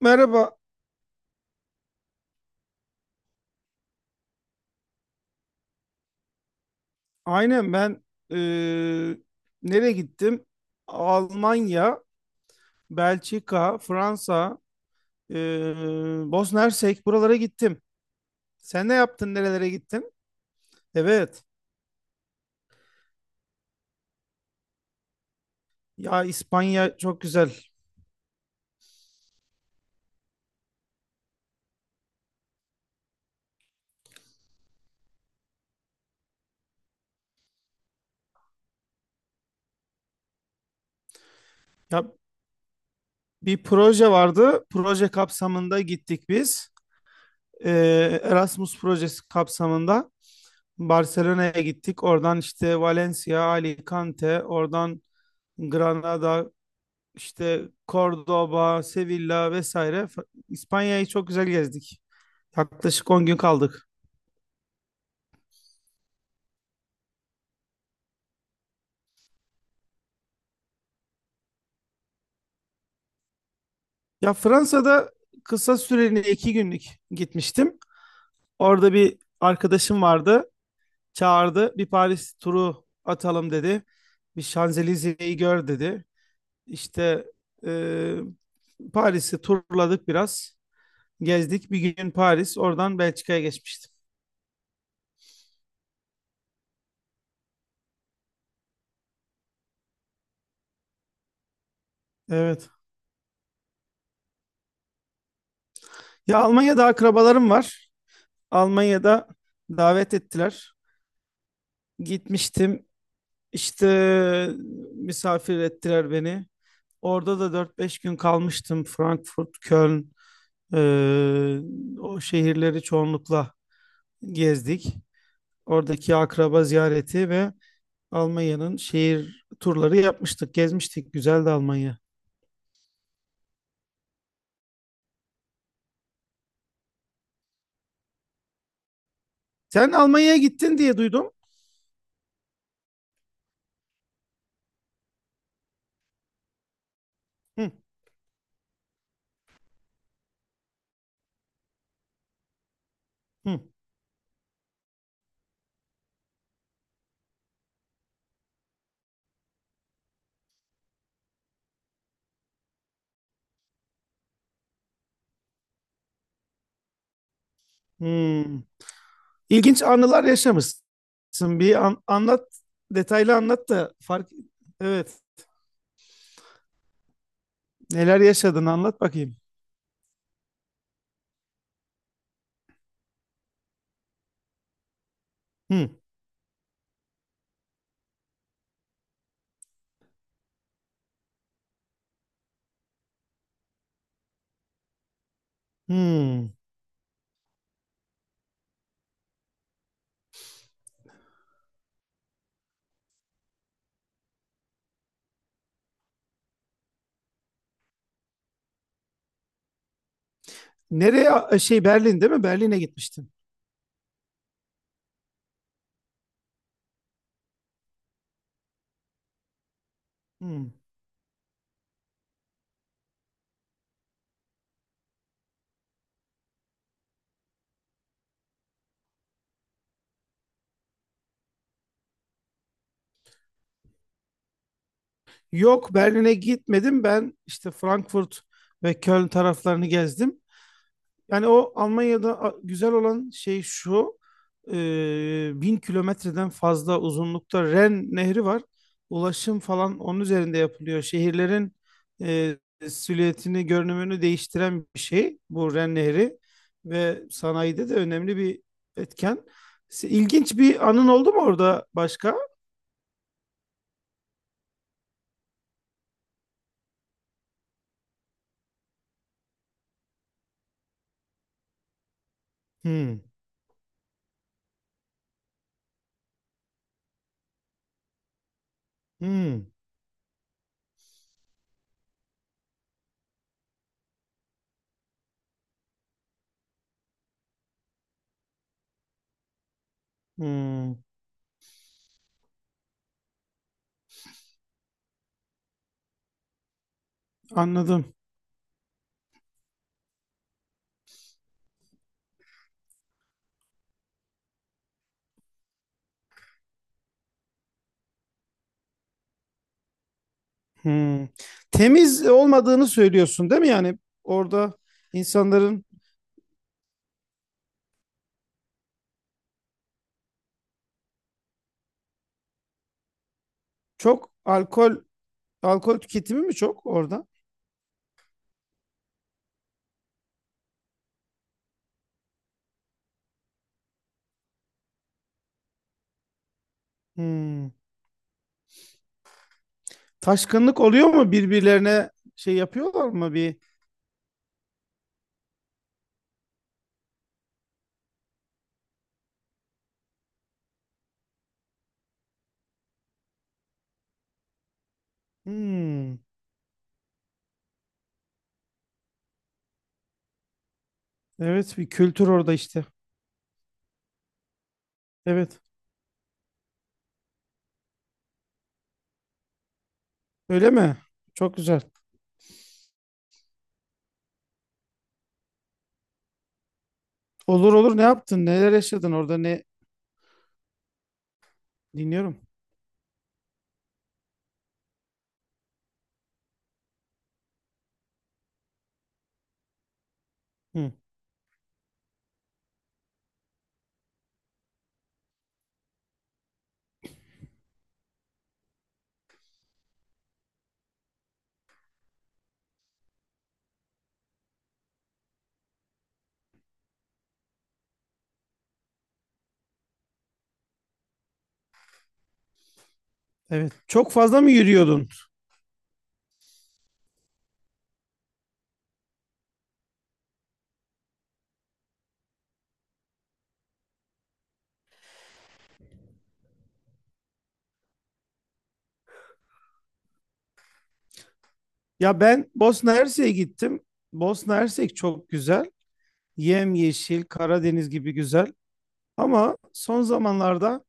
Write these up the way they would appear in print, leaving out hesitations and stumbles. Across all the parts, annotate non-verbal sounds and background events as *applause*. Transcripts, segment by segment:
Merhaba. Aynen ben eee, nereye gittim? Almanya, Belçika, Fransa, eee Bosna Hersek buralara gittim. Sen ne yaptın? Nerelere gittin? Evet. Ya İspanya çok güzel. Ya bir proje vardı. Proje kapsamında gittik biz. Erasmus projesi kapsamında Barcelona'ya gittik. Oradan işte Valencia, Alicante, oradan Granada, işte Cordoba, Sevilla vesaire İspanya'yı çok güzel gezdik. Yaklaşık 10 gün kaldık. Ya Fransa'da kısa süreli 2 günlük gitmiştim. Orada bir arkadaşım vardı. Çağırdı. Bir Paris turu atalım dedi. Bir Şanzelize'yi gör dedi. İşte e, Paris'i turladık biraz. Gezdik. Bir gün Paris, oradan Belçika'ya geçmiştim. Evet. Ya Almanya'da akrabalarım var. Almanya'da davet ettiler. Gitmiştim. İşte misafir ettiler beni. Orada da 4 5 gün kalmıştım. Frankfurt, Köln, e, o şehirleri çoğunlukla gezdik. Oradaki akraba ziyareti ve Almanya'nın şehir turları yapmıştık, gezmiştik. Güzeldi Almanya. Sen Almanya'ya gittin diye duydum. Hı, hı, hı. İlginç anılar yaşamışsın. Anlat, detaylı anlat da fark. Evet. Neler yaşadın anlat bakayım. Hmm. Hmm. Nereye? Şey Berlin değil mi? Berlin'e gitmiştin. Hmm. Yok, Berlin'e gitmedim. Ben işte Frankfurt ve Köln taraflarını gezdim. Yani o Almanya'da güzel olan şey şu. E, 1.000 kilometreden fazla uzunlukta Ren Nehri var. Ulaşım falan onun üzerinde yapılıyor. Şehirlerin e, silüetini, görünümünü değiştiren bir şey bu Ren Nehri. Ve sanayide de önemli bir etken. İlginç bir anın oldu mu orada başka? Hmm, hmm, hmm. Anladım. Hmm. Temiz olmadığını söylüyorsun değil mi? Yani orada insanların çok alkol tüketimi mi çok orada? Hmm. Taşkınlık oluyor mu birbirlerine, şey yapıyorlar mı bir? Hmm. Evet, bir kültür orada işte. Evet. Öyle mi? Çok güzel. Olur olur, ne yaptın? Neler yaşadın orada? Ne, dinliyorum. Hı. Evet. Çok fazla mı yürüyordun? Ya ben Bosna Hersek'e gittim. Bosna Hersek çok güzel. Yemyeşil, Karadeniz gibi güzel. Ama son zamanlarda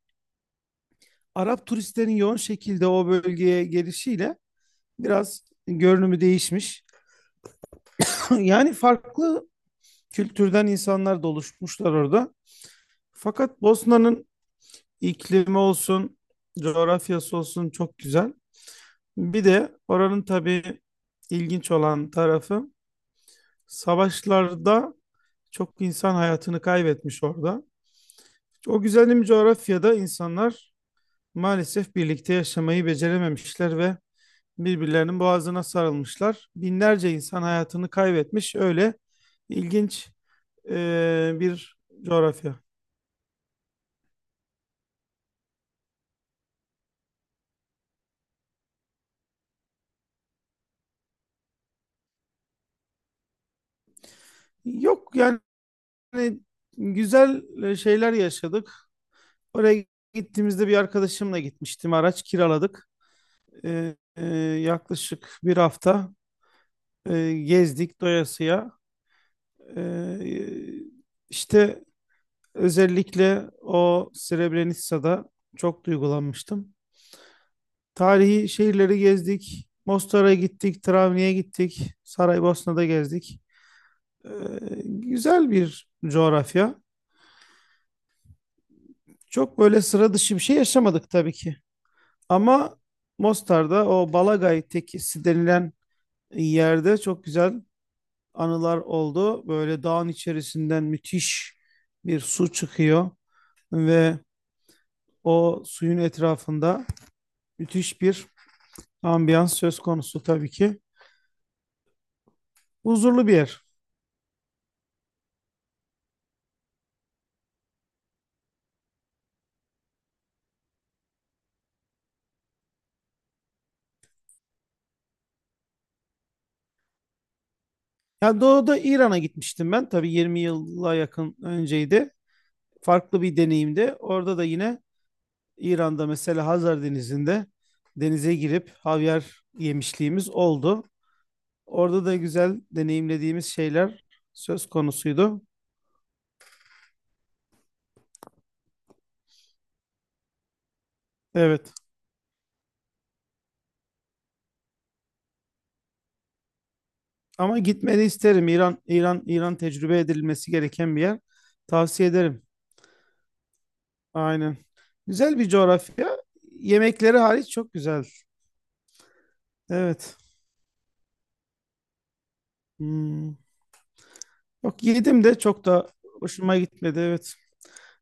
Arap turistlerin yoğun şekilde o bölgeye gelişiyle biraz görünümü değişmiş. *laughs* Yani farklı kültürden insanlar da oluşmuşlar orada. Fakat Bosna'nın iklimi olsun, coğrafyası olsun çok güzel. Bir de oranın tabii ilginç olan tarafı, savaşlarda çok insan hayatını kaybetmiş orada. O güzelim coğrafyada insanlar maalesef birlikte yaşamayı becerememişler ve birbirlerinin boğazına sarılmışlar. Binlerce insan hayatını kaybetmiş. Öyle ilginç bir coğrafya. Yok yani, güzel şeyler yaşadık. Oraya gittiğimizde bir arkadaşımla gitmiştim. Araç kiraladık. E, e, Yaklaşık bir hafta gezdik doyasıya. E, işte özellikle o Srebrenica'da çok duygulanmıştım. Tarihi şehirleri gezdik. Mostar'a gittik, Travni'ye gittik, Saraybosna'da gezdik. Ee, Güzel bir coğrafya. Çok böyle sıra dışı bir şey yaşamadık tabii ki. Ama Mostar'da o Balagay Tekisi denilen yerde çok güzel anılar oldu. Böyle dağın içerisinden müthiş bir su çıkıyor ve o suyun etrafında müthiş bir ambiyans söz konusu tabii ki. Huzurlu bir yer. Ya doğuda İran'a gitmiştim ben. Tabii 20 yıla yakın önceydi. Farklı bir deneyimdi. Orada da yine İran'da mesela Hazar Denizi'nde denize girip havyar yemişliğimiz oldu. Orada da güzel deneyimlediğimiz şeyler söz konusuydu. Evet. Ama gitmeni isterim. İran, İran, İran tecrübe edilmesi gereken bir yer. Tavsiye ederim. Aynen. Güzel bir coğrafya. Yemekleri hariç çok güzel. Evet. Hmm. Yok, yedim de çok da hoşuma gitmedi. Evet.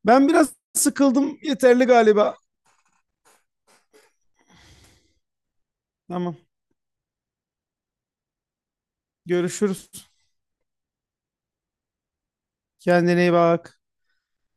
Ben biraz sıkıldım. Yeterli galiba. Tamam. Görüşürüz. Kendine iyi bak.